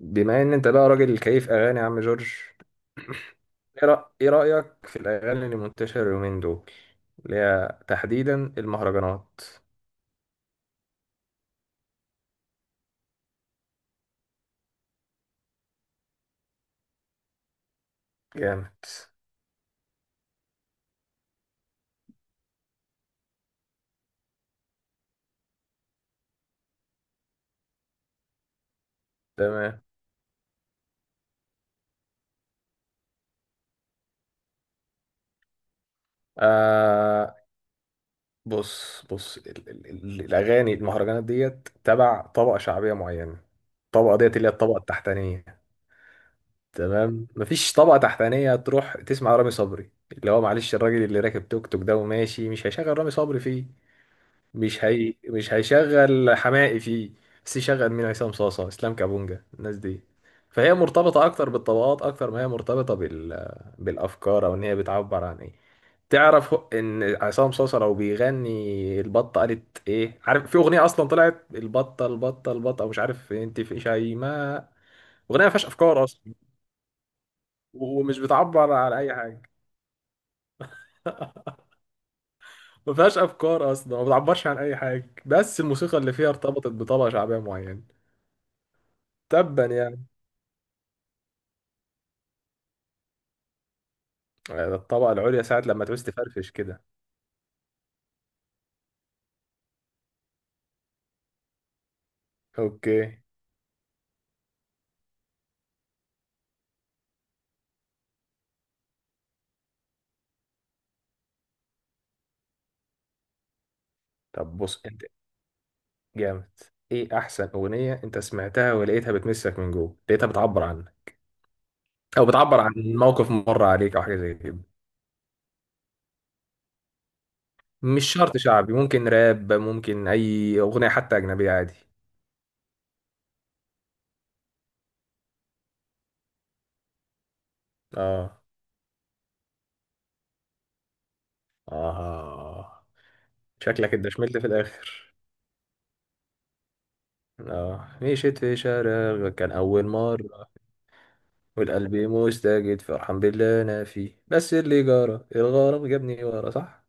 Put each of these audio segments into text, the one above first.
بما ان انت بقى راجل كيف اغاني يا عم جورج؟ إيه رأيك في الاغاني اللي منتشرة اليومين دول، اللي هي تحديدا المهرجانات؟ جامد. تمام. آه. بص بص، ال الاغاني المهرجانات ديت تبع طبقة شعبية معينة. الطبقة ديت اللي هي الطبقة التحتانية. تمام، مفيش طبقة تحتانية تروح تسمع رامي صبري، اللي هو معلش الراجل اللي راكب توك توك ده وماشي مش هيشغل رامي صبري فيه. مش هي مش هيشغل حماقي فيه، بس يشغل مين؟ عصام صاصة، اسلام كابونجا، الناس دي. فهي مرتبطة اكتر بالطبقات اكتر ما هي مرتبطة بال بالافكار او ان هي بتعبر عن ايه. تعرف ان عصام صاصة لو بيغني البطة قالت ايه؟ عارف في اغنية اصلا طلعت البطة البطة البطة مش عارف انت، في شيماء. اغنية ما فيهاش افكار اصلا، ومش بتعبر عن اي حاجة. ما فيهاش افكار اصلا، ما بتعبرش عن اي حاجة، بس الموسيقى اللي فيها ارتبطت بطبقة شعبية معينة. تبا يا آه، الطبقة العليا ساعة لما تعوز تفرفش كده. اوكي. طب بص انت. جامد. ايه احسن اغنية انت سمعتها ولقيتها بتمسك من جوه، لقيتها بتعبر عنك او بتعبر عن موقف مر عليك او حاجة زي كده؟ مش شرط شعبي، ممكن راب، ممكن اي اغنية حتى اجنبية عادي. اه. اه. شكلك انت شملت في الاخر. اه، مشيت في شارع كان اول مرة والقلب مستجد فرحان بالله انا فيه، بس اللي جرى الغرام جابني ورا، صح؟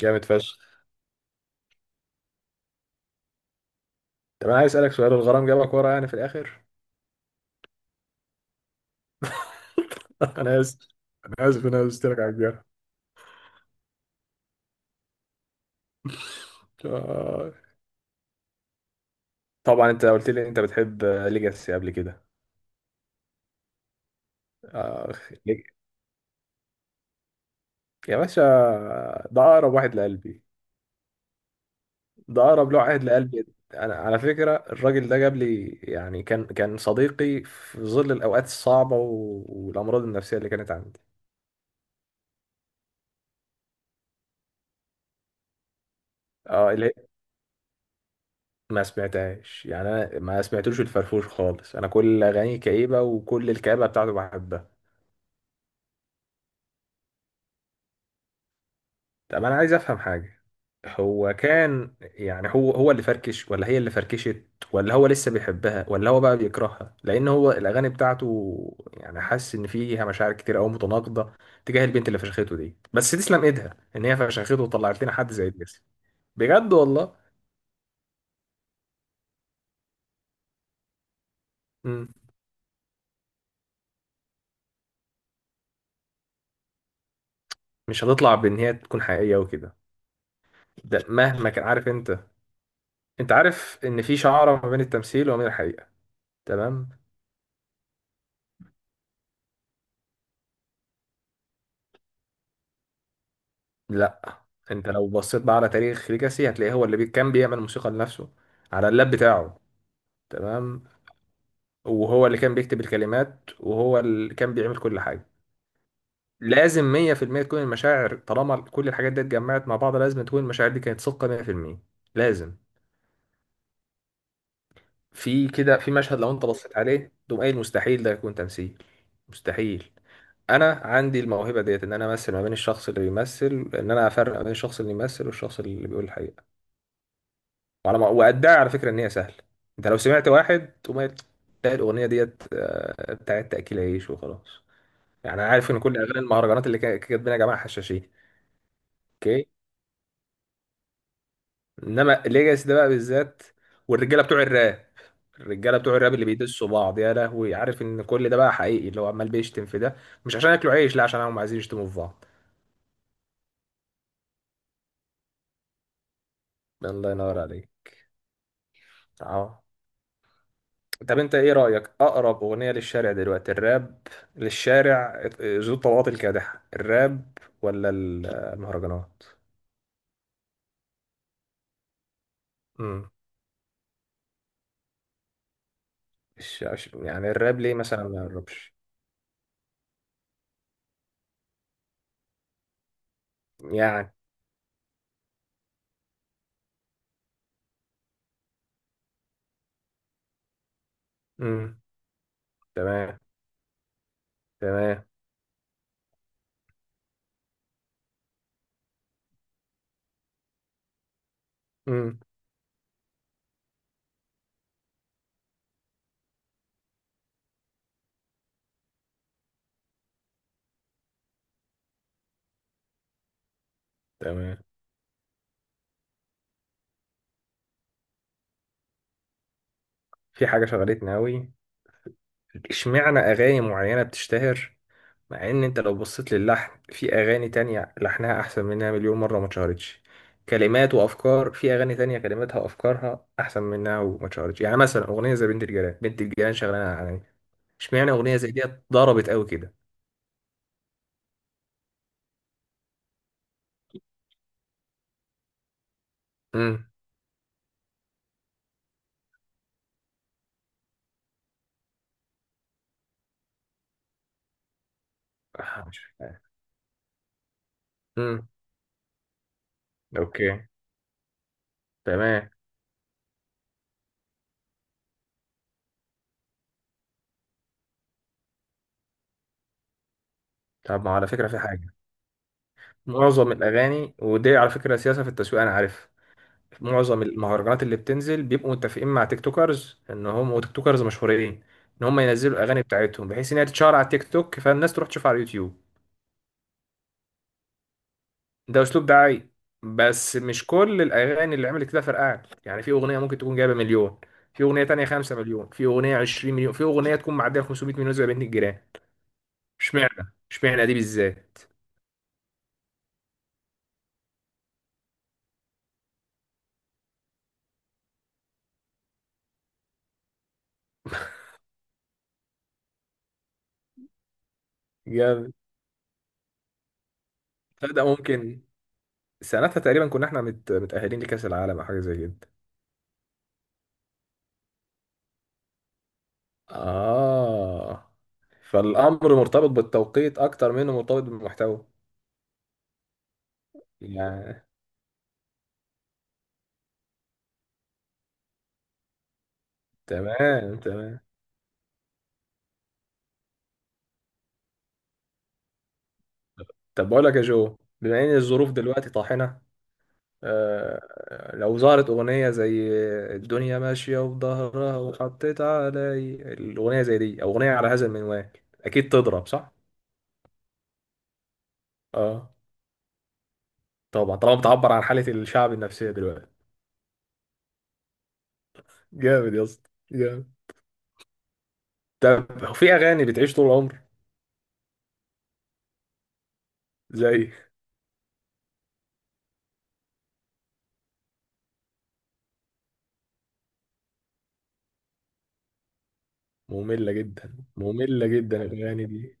جامد فشخ. طب انا عايز اسالك سؤال، الغرام جابك ورا يعني في الاخر؟ انا اسف، انا اسف إن انا قلت لك على الجرح. آه. طبعا انت قلت لي إن انت بتحب ليجاسي قبل كده. اخ ليج- يا باشا، ده اقرب واحد لقلبي. ده اقرب واحد لقلبي. انا على فكره الراجل ده جاب لي يعني، كان صديقي في ظل الاوقات الصعبه والامراض النفسيه اللي كانت عندي. اه اللي هي، ما سمعتهاش يعني، انا ما سمعتلوش الفرفوش خالص، انا كل اغانيه كئيبه وكل الكآبه بتاعته بحبها. طب انا عايز افهم حاجه، هو كان يعني هو اللي فركش ولا هي اللي فركشت؟ ولا هو لسه بيحبها ولا هو بقى بيكرهها؟ لان هو الاغاني بتاعته يعني، حاسس ان فيها مشاعر كتير قوي متناقضه تجاه البنت اللي فشخته دي، بس تسلم ايدها ان هي فشخته وطلعت لنا حد زي الجسم. بجد والله. مم. مش هتطلع بان هي تكون حقيقيه وكده، ده مهما كان عارف انت، انت عارف ان في شعره ما بين التمثيل وما بين الحقيقه. تمام. لا، انت لو بصيت بقى على تاريخ ليجاسي هتلاقيه هو اللي كان بيعمل موسيقى لنفسه على اللاب بتاعه. تمام. وهو اللي كان بيكتب الكلمات وهو اللي كان بيعمل كل حاجة. لازم 100% تكون المشاعر، طالما كل الحاجات دي اتجمعت مع بعض لازم تكون المشاعر دي كانت صادقة 100%. لازم. في كده، في مشهد لو انت بصيت عليه تقوم قايل مستحيل ده يكون تمثيل. مستحيل. انا عندي الموهبه ديت، ان انا امثل ما بين الشخص اللي بيمثل، ان انا افرق ما بين الشخص اللي بيمثل والشخص اللي بيقول الحقيقه. وعلى ما وأدعي على فكرة إن هي سهلة. أنت لو سمعت واحد تقوم قايل، تلاقي الأغنية ديت آه، بتاعت تأكيل عيش وخلاص. يعني أنا عارف إن كل أغاني المهرجانات اللي كاتبينها يا جماعة حشاشين. أوكي. إنما الليجاسي ده بقى بالذات والرجالة بتوع الراب، الرجالة بتوع الراب اللي بيدسوا بعض يا لهوي، عارف إن كل ده بقى حقيقي، اللي هو عمال بيشتم في ده مش عشان ياكلوا عيش، لا، عشان هم عايزين يشتموا في بعض. الله ينور عليك. أهو. طب انت ايه رأيك؟ اقرب اغنية للشارع دلوقتي الراب، للشارع ذو الطبقات الكادحة الراب ولا المهرجانات؟ امم. يعني الراب ليه مثلا ما يقربش؟ يعني امم. تمام. تمام. امم. تمام. في حاجة شغلتني قوي، اشمعنى اغاني معينة بتشتهر مع ان انت لو بصيت للحن في اغاني تانية لحنها احسن منها مليون مرة وما اتشهرتش؟ كلمات وافكار في اغاني تانية كلماتها وافكارها احسن منها وما اتشهرتش. يعني مثلا اغنية زي بنت الجيران، بنت الجيران شغلانة على، اشمعنى اغنية زي دي ضربت قوي كده؟ امم. آه، مش عارف. امم. اوكي. تمام. طب ما على فكرة في حاجة، معظم الاغاني ودي على فكرة سياسة في التسويق انا عارف، معظم المهرجانات اللي بتنزل بيبقوا متفقين مع تيك توكرز ان هم وتيك توكرز مشهورين، ان هم ينزلوا الاغاني بتاعتهم بحيث ان هي تتشهر على التيك توك، فالناس تروح تشوفها على اليوتيوب. ده اسلوب دعائي، بس مش كل الاغاني اللي عملت كده فرقعت. يعني في اغنيه ممكن تكون جايبه مليون، في اغنيه تانية 5 مليون، في اغنيه 20 مليون، في اغنيه تكون معديه 500 مليون زي بنت الجيران. اشمعنى اشمعنى دي بالذات؟ جامد. فده ممكن، سنتها تقريبا كنا احنا متاهلين لكاس العالم او حاجه زي كده. آه. فالأمر مرتبط بالتوقيت أكتر منه مرتبط بالمحتوى. يعني. تمام. تمام. طب بقول لك يا جو، بما إن الظروف دلوقتي طاحنة، آه لو ظهرت أغنية زي الدنيا ماشية وظهرها وحطيت علي، الأغنية زي دي أو أغنية على هذا المنوال، أكيد تضرب، صح؟ آه. طبعا طالما بتعبر عن حالة الشعب النفسية دلوقتي. جامد يا اسطى، جامد. طب في أغاني بتعيش طول العمر زي، مملة جدا مملة جدا الأغاني دي.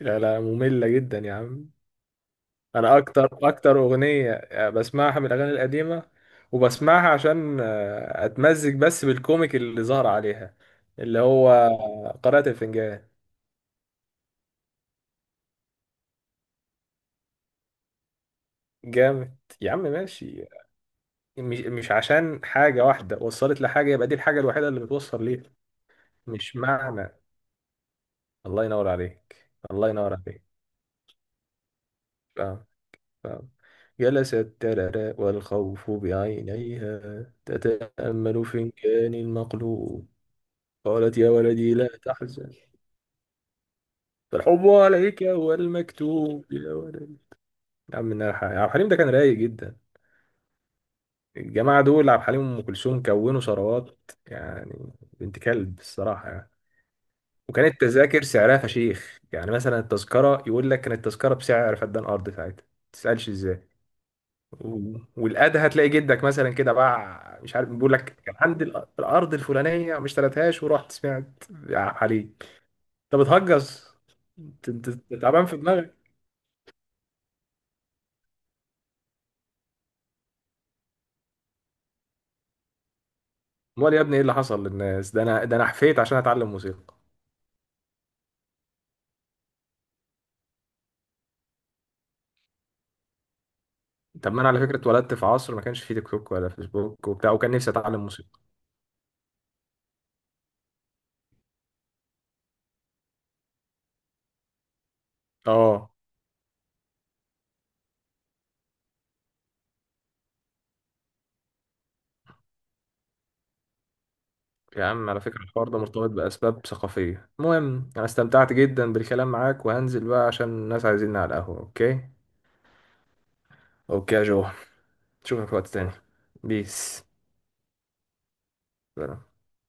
لا لا، مملة جدا يا عم. أنا أكتر أغنية بسمعها من الأغاني القديمة، وبسمعها عشان آه، أتمزج بس بالكوميك اللي ظهر عليها، اللي هو قارئة الفنجان. جامد يا عم ماشي. مش عشان حاجة واحدة وصلت لحاجة يبقى دي الحاجة الوحيدة اللي بتوصل ليها. مش معنى. الله ينور عليك. الله ينور عليك. آه. نعم. جلست الترى والخوف بعينيها تتأمل فنجان المقلوب، قالت يا ولدي لا تحزن فالحب عليك هو المكتوب، يا ولدي. يا عم إنها عبد الحليم ده كان رايق جدا. الجماعة دول عبد الحليم وأم كلثوم كونوا ثروات يعني، بنت كلب الصراحة يعني. وكانت التذاكر سعرها فشيخ. يعني مثلا التذكرة يقول لك كانت التذكرة بسعر فدان أرض ساعتها. تسألش ازاي؟ والقاده هتلاقي جدك مثلا كده باع مش عارف، بيقول لك كان عندي الارض الفلانيه ما اشتريتهاش ورحت سمعت عليك. انت بتهجص، انت تعبان في دماغك. امال يا ابني ايه اللي حصل للناس؟ ده انا، ده انا حفيت عشان اتعلم موسيقى. طب ما انا على فكره اتولدت في عصر ما كانش فيه تيك توك ولا فيسبوك وبتاع، وكان نفسي اتعلم موسيقى. اه. يا عم على فكره الحوار ده مرتبط باسباب ثقافيه، المهم انا استمتعت جدا بالكلام معاك وهنزل بقى عشان الناس عايزيني على القهوه، اوكي؟ اوكي يا جو. اشوفك وقت تاني. بيس. بصراحة.